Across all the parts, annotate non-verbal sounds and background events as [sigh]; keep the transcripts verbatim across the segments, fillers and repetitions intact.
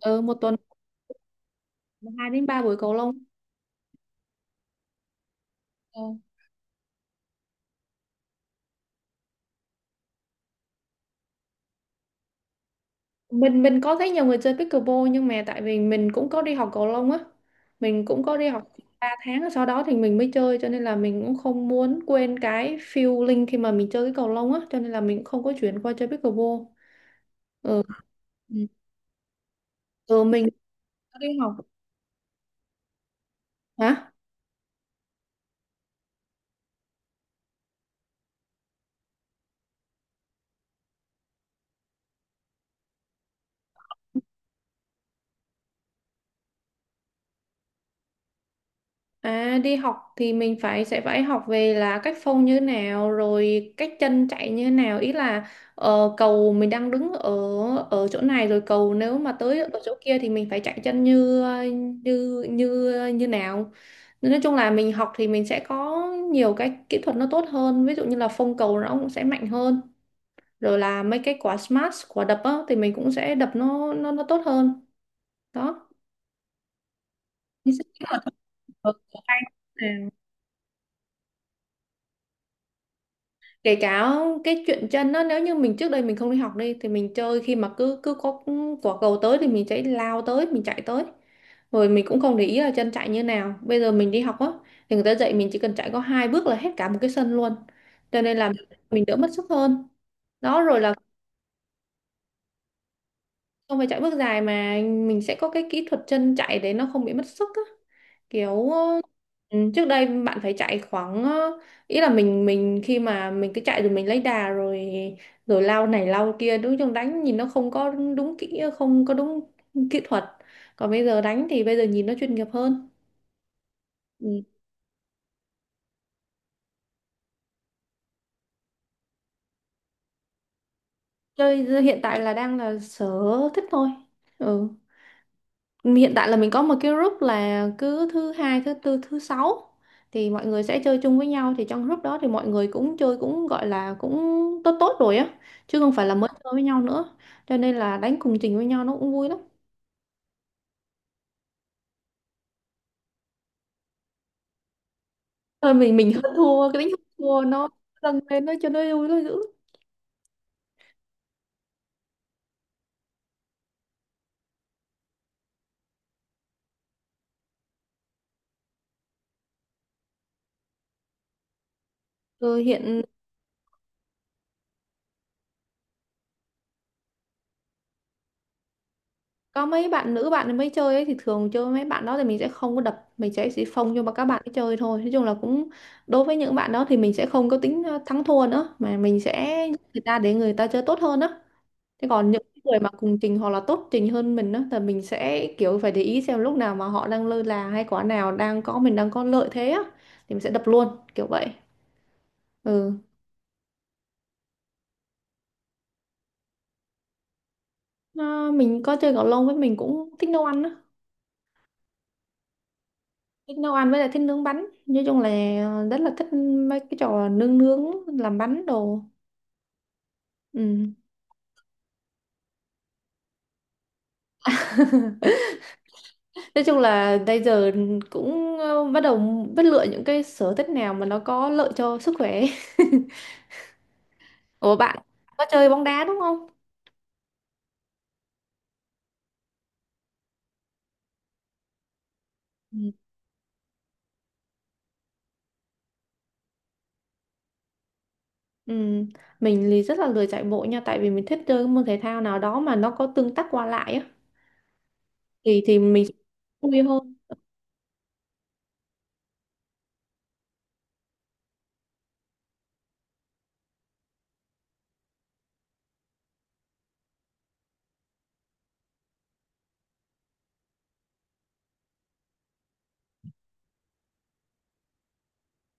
ừ, một tuần hai đến ba buổi cầu lông. Ờ. mình mình có thấy nhiều người chơi pickleball nhưng mà tại vì mình cũng có đi học cầu lông á, mình cũng có đi học ba tháng rồi sau đó thì mình mới chơi, cho nên là mình cũng không muốn quên cái feeling khi mà mình chơi cái cầu lông á, cho nên là mình cũng không có chuyển qua chơi pickleball. Ừ. Ừ. Ừ, mình có đi học. Hả? À, đi học thì mình phải sẽ phải học về là cách phông như thế nào, rồi cách chân chạy như thế nào, ý là ờ, cầu mình đang đứng ở ở chỗ này rồi cầu nếu mà tới ở chỗ kia thì mình phải chạy chân như như như như nào. Nên nói chung là mình học thì mình sẽ có nhiều cái kỹ thuật nó tốt hơn, ví dụ như là phông cầu nó cũng sẽ mạnh hơn, rồi là mấy cái quả smash, quả đập á, thì mình cũng sẽ đập nó nó nó tốt hơn đó. Mình sẽ- kể cả cái chuyện chân đó, nếu như mình trước đây mình không đi học đi thì mình chơi khi mà cứ cứ có quả cầu tới thì mình sẽ lao tới, mình chạy tới, rồi mình cũng không để ý là chân chạy như nào. Bây giờ mình đi học á thì người ta dạy mình chỉ cần chạy có hai bước là hết cả một cái sân luôn, cho nên là mình đỡ mất sức hơn đó. Rồi là không phải chạy bước dài mà mình sẽ có cái kỹ thuật chân chạy để nó không bị mất sức á, kiểu ờ, ừ, trước đây bạn phải chạy khoảng ờ, ý là mình mình khi mà mình cứ chạy rồi mình lấy đà rồi rồi lao này lao kia, đối chung đánh nhìn nó không có đúng kỹ, không có đúng kỹ thuật. Còn bây giờ đánh thì bây giờ nhìn nó chuyên nghiệp hơn. Ừ. Chơi hiện tại là đang là sở thích thôi. Ừ. Hiện tại là mình có một cái group là cứ thứ hai, thứ tư, thứ sáu thì mọi người sẽ chơi chung với nhau, thì trong group đó thì mọi người cũng chơi cũng gọi là cũng tốt tốt rồi á, chứ không phải là mới chơi với nhau nữa, cho nên là đánh cùng trình với nhau nó cũng vui lắm. Thôi mình mình [laughs] hơn thua, cái đánh hơn thua nó dâng lên nó cho nó vui nó dữ. Ừ, hiện có mấy bạn nữ, bạn mới chơi ấy, thì thường chơi với mấy bạn đó thì mình sẽ không có đập, mình sẽ chỉ phông cho mà các bạn ấy chơi thôi. Nói chung là cũng đối với những bạn đó thì mình sẽ không có tính ờ, thắng thua nữa mà mình sẽ nhắc người ta để người ta chơi tốt hơn á. Thế còn những người mà cùng trình hoặc là tốt trình hơn mình á thì mình sẽ kiểu phải để ý xem lúc nào mà họ đang lơ là hay quả nào đang có mình đang có lợi thế á thì mình sẽ đập luôn kiểu vậy. Ừ. Ờ, mình có chơi cầu lông, với mình cũng thích nấu ăn á, thích nấu ăn với lại thích nướng bánh, nói chung là rất là thích mấy cái trò nướng nướng làm bánh đồ. Ừ. Nói chung là bây giờ cũng ờ, bắt đầu biết lựa những cái sở thích nào mà nó có lợi cho sức khỏe. [laughs] Ủa, bạn có chơi bóng đá đúng không? Ừ. Ừ. Mình thì rất là lười chạy bộ nha, tại vì mình thích chơi cái môn thể thao nào đó mà nó có tương tác qua lại á, thì thì mình sẽ vui hơn.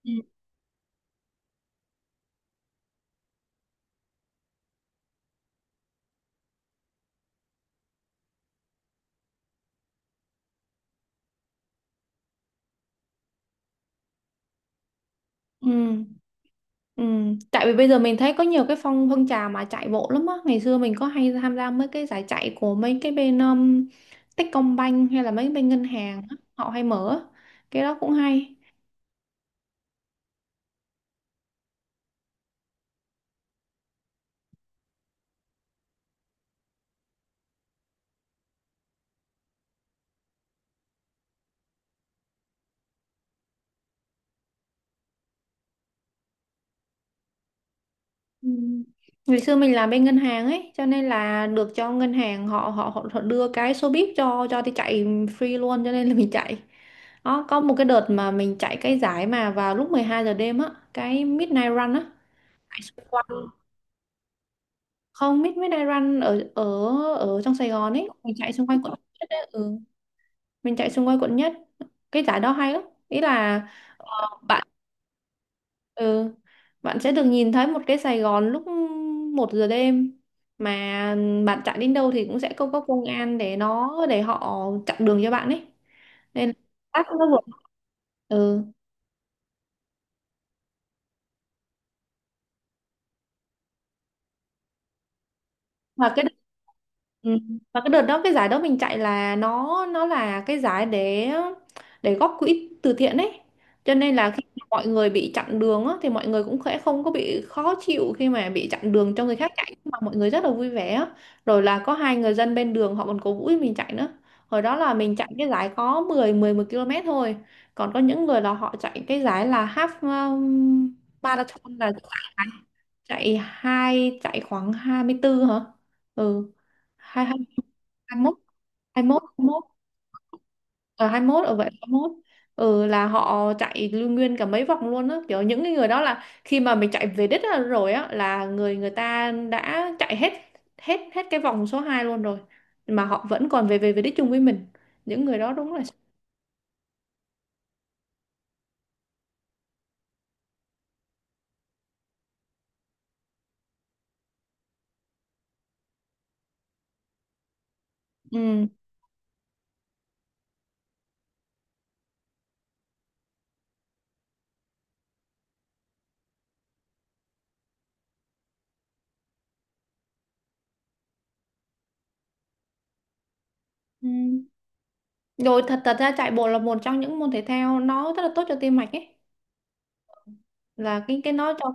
Ừ. Ừ. Ừ. Tại vì bây giờ mình thấy có nhiều cái phong phong trào mà chạy bộ lắm á. Ngày xưa mình có hay tham gia mấy cái giải chạy của mấy cái bên um, Techcombank hay là mấy bên ngân hàng á. Họ hay mở á. Cái đó cũng hay. Ừ. Ngày xưa mình làm bên ngân hàng ấy, cho nên là được cho ngân hàng họ họ họ, họ đưa cái số bib cho cho đi chạy free luôn, cho nên là mình chạy. Đó, có một cái đợt mà mình chạy cái giải mà vào lúc mười hai giờ đêm á, cái Midnight Run á, chạy xung quanh, không, Mid Midnight Run ở ở ở trong Sài Gòn ấy, mình chạy xung quanh quận nhất ấy. Ừ. Mình chạy xung quanh quận nhất, cái giải đó hay lắm, ý là ờ, bạn, ừ, bạn sẽ được nhìn thấy một cái Sài Gòn lúc một giờ đêm, mà bạn chạy đến đâu thì cũng sẽ có có công an để nó để họ chặn đường cho bạn ấy, nên là nó vượt ừ và cái, ừ, mà cái đợt đó cái giải đó mình chạy là nó nó là cái giải để để góp quỹ từ thiện ấy, cho nên là khi mà mọi người bị chặn đường á, thì mọi người cũng sẽ không có bị khó chịu khi mà bị chặn đường cho người khác chạy mà mọi người rất là vui vẻ á. Rồi là có hai người dân bên đường họ còn cổ vũ cho mình chạy nữa. Hồi đó là mình chạy cái giải có mười mười một ki lô mét thôi, còn có những người là họ chạy cái giải là half um, marathon là chạy hai chạy khoảng hai mươi tư hả, ừ, hai hai hai mốt, hai mốt hai mốt ở hai mốt ở vậy hai mốt. Ừ là họ chạy lưu nguyên cả mấy vòng luôn á, kiểu những cái người đó là khi mà mình chạy về đích á, rồi á là người, người ta đã chạy hết hết hết cái vòng số hai luôn rồi mà họ vẫn còn về về về đích chung với mình, những người đó đúng là ừ, ừ. Rồi thật thật ra chạy bộ là một trong những môn thể thao nó rất là tốt cho tim mạch ấy, là cái cái nó cho.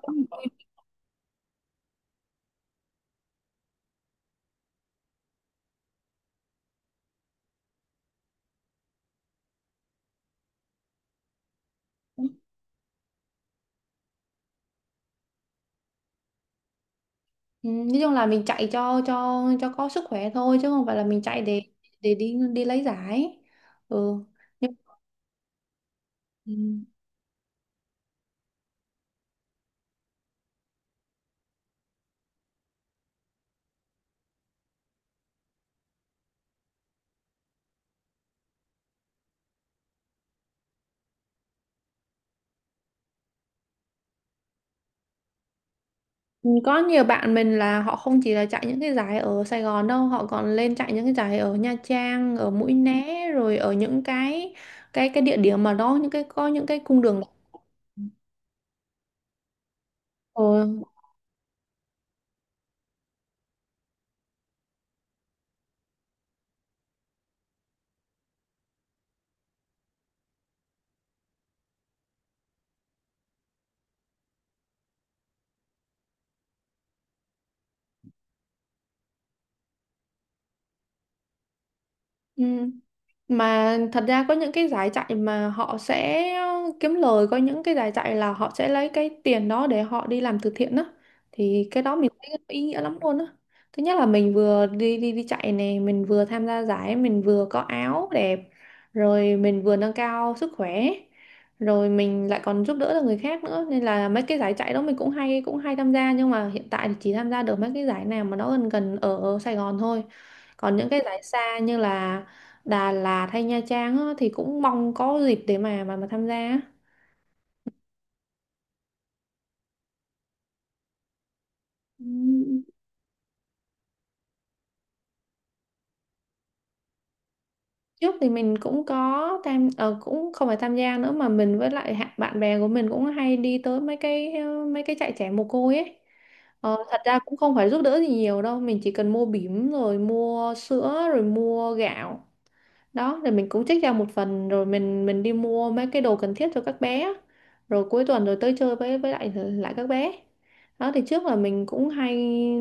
Ừ, nói chung là mình chạy cho cho cho có sức khỏe thôi chứ không phải là mình chạy để để đi đi lấy giải. Ừ nhưng. Ừ, có nhiều bạn mình là họ không chỉ là chạy những cái giải ở Sài Gòn đâu, họ còn lên chạy những cái giải ở Nha Trang, ở Mũi Né, rồi ở những cái cái cái địa điểm mà nó những cái có những cái cung đường. Ừ. Ừ. Mà thật ra có những cái giải chạy mà họ sẽ ờ, kiếm lời, có những cái giải chạy là họ sẽ lấy cái tiền đó để họ đi làm từ thiện đó, thì cái đó mình thấy nó ý nghĩa lắm luôn á. Thứ nhất là mình vừa đi đi đi chạy này, mình vừa tham gia giải, mình vừa có áo đẹp, rồi mình vừa nâng cao sức khỏe, rồi mình lại còn giúp đỡ được người khác nữa, nên là mấy cái giải chạy đó mình cũng hay cũng hay tham gia, nhưng mà hiện tại thì chỉ tham gia được mấy cái giải nào mà nó gần gần ở Sài Gòn thôi, còn những cái giải xa như là Đà Lạt hay Nha Trang á, thì cũng mong có dịp để mà mà mà tham gia á. Ừ. Trước thì mình cũng có tham ờ, cũng không phải tham gia nữa mà mình với lại hạ- bạn bè của mình cũng hay đi tới mấy cái ờ, mấy cái trại trẻ mồ côi ấy. Ờ, thật ra cũng không phải giúp đỡ gì nhiều đâu, mình chỉ cần mua bỉm rồi mua sữa rồi mua gạo đó, rồi mình cũng trích ra một phần rồi mình mình đi mua mấy cái đồ cần thiết cho các bé, rồi cuối tuần rồi tới chơi với với lại lại các bé đó. Thì trước là mình cũng hay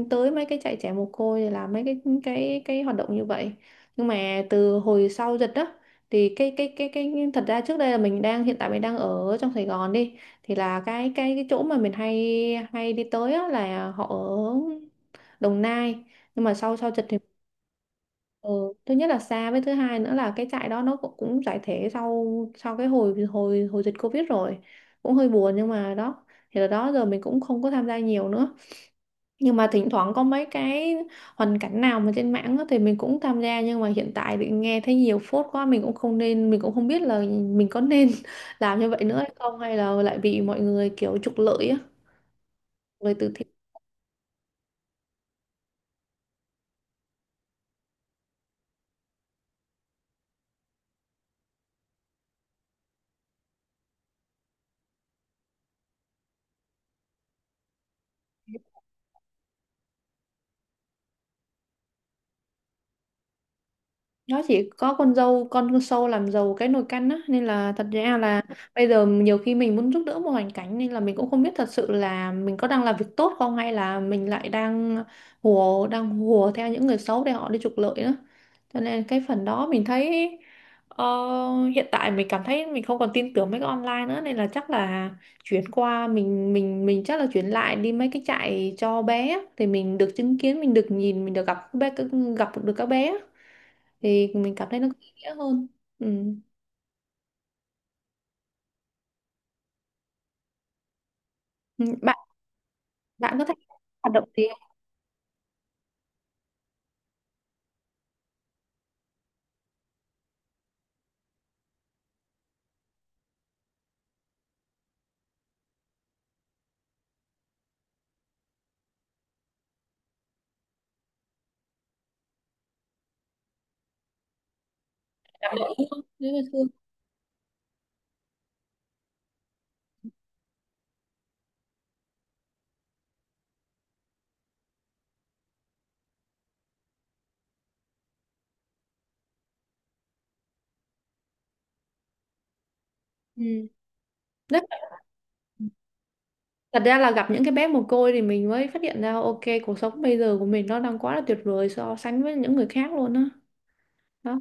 tới mấy cái trại trẻ mồ côi để làm mấy cái cái cái hoạt động như vậy, nhưng mà từ hồi sau dịch đó thì cái cái cái cái thật ra trước đây là mình đang, hiện tại mình đang ở trong Sài Gòn đi, thì là cái cái cái chỗ mà mình hay hay đi tới á là họ ở Đồng Nai, nhưng mà sau sau dịch thì. Ừ, thứ nhất là xa, với thứ hai nữa là cái trại đó nó cũng, cũng giải thể sau sau cái hồi hồi hồi dịch Covid rồi, cũng hơi buồn nhưng mà đó, thì là đó giờ mình cũng không có tham gia nhiều nữa, nhưng mà thỉnh thoảng có mấy cái hoàn cảnh nào mà trên mạng á thì mình cũng tham gia, nhưng mà hiện tại thì nghe thấy nhiều phốt quá, mình cũng không, nên mình cũng không biết là mình có nên [laughs] làm như vậy nữa hay không hay là lại bị mọi người kiểu trục lợi á, người từ thiện. Nó chỉ có con dâu con sâu làm giàu cái nồi canh á, nên là thật ra là bây giờ nhiều khi mình muốn giúp đỡ một hoàn cảnh, nên là mình cũng không biết thật sự là mình có đang làm việc tốt không hay là mình lại đang hùa, đang hùa theo những người xấu để họ đi trục lợi nữa, cho nên cái phần đó mình thấy ờ, hiện tại mình cảm thấy mình không còn tin tưởng mấy cái online nữa, nên là chắc là chuyển qua mình mình mình chắc là chuyển lại đi mấy cái trại cho bé á, thì mình được chứng kiến, mình được nhìn, mình được gặp các bé, gặp được các bé á, thì mình cảm thấy nó có ý nghĩa hơn. Ừ. Ừ, bạn, bạn có thích hoạt động gì không? Gặp đội luôn nếu mà thương. Ừ. Rất. Thật ra là gặp những cái bé mồ côi thì mình mới phát hiện ra ok, cuộc sống bây giờ của mình nó đang quá là tuyệt vời so sánh với những người khác luôn á. Đó.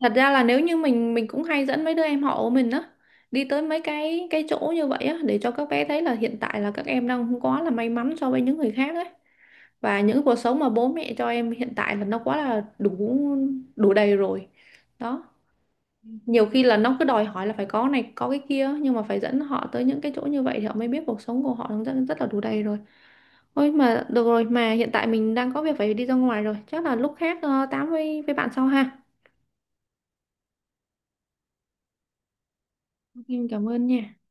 Thật ra là nếu như mình mình cũng hay dẫn mấy đứa em họ của mình á, đi tới mấy cái cái chỗ như vậy á để cho các bé thấy là hiện tại là các em đang không quá là may mắn so với những người khác ấy. Và những cuộc sống mà bố mẹ cho em hiện tại là nó quá là đủ, đủ đầy rồi đó. Nhiều khi là nó cứ đòi hỏi là phải có này có cái kia, nhưng mà phải dẫn họ tới những cái chỗ như vậy thì họ mới biết cuộc sống của họ rất, rất là đủ đầy rồi. Ôi mà được rồi, mà hiện tại mình đang có việc phải đi ra ngoài rồi, chắc là lúc khác ờ, tám với với bạn sau ha. Ok, em cảm ơn nha.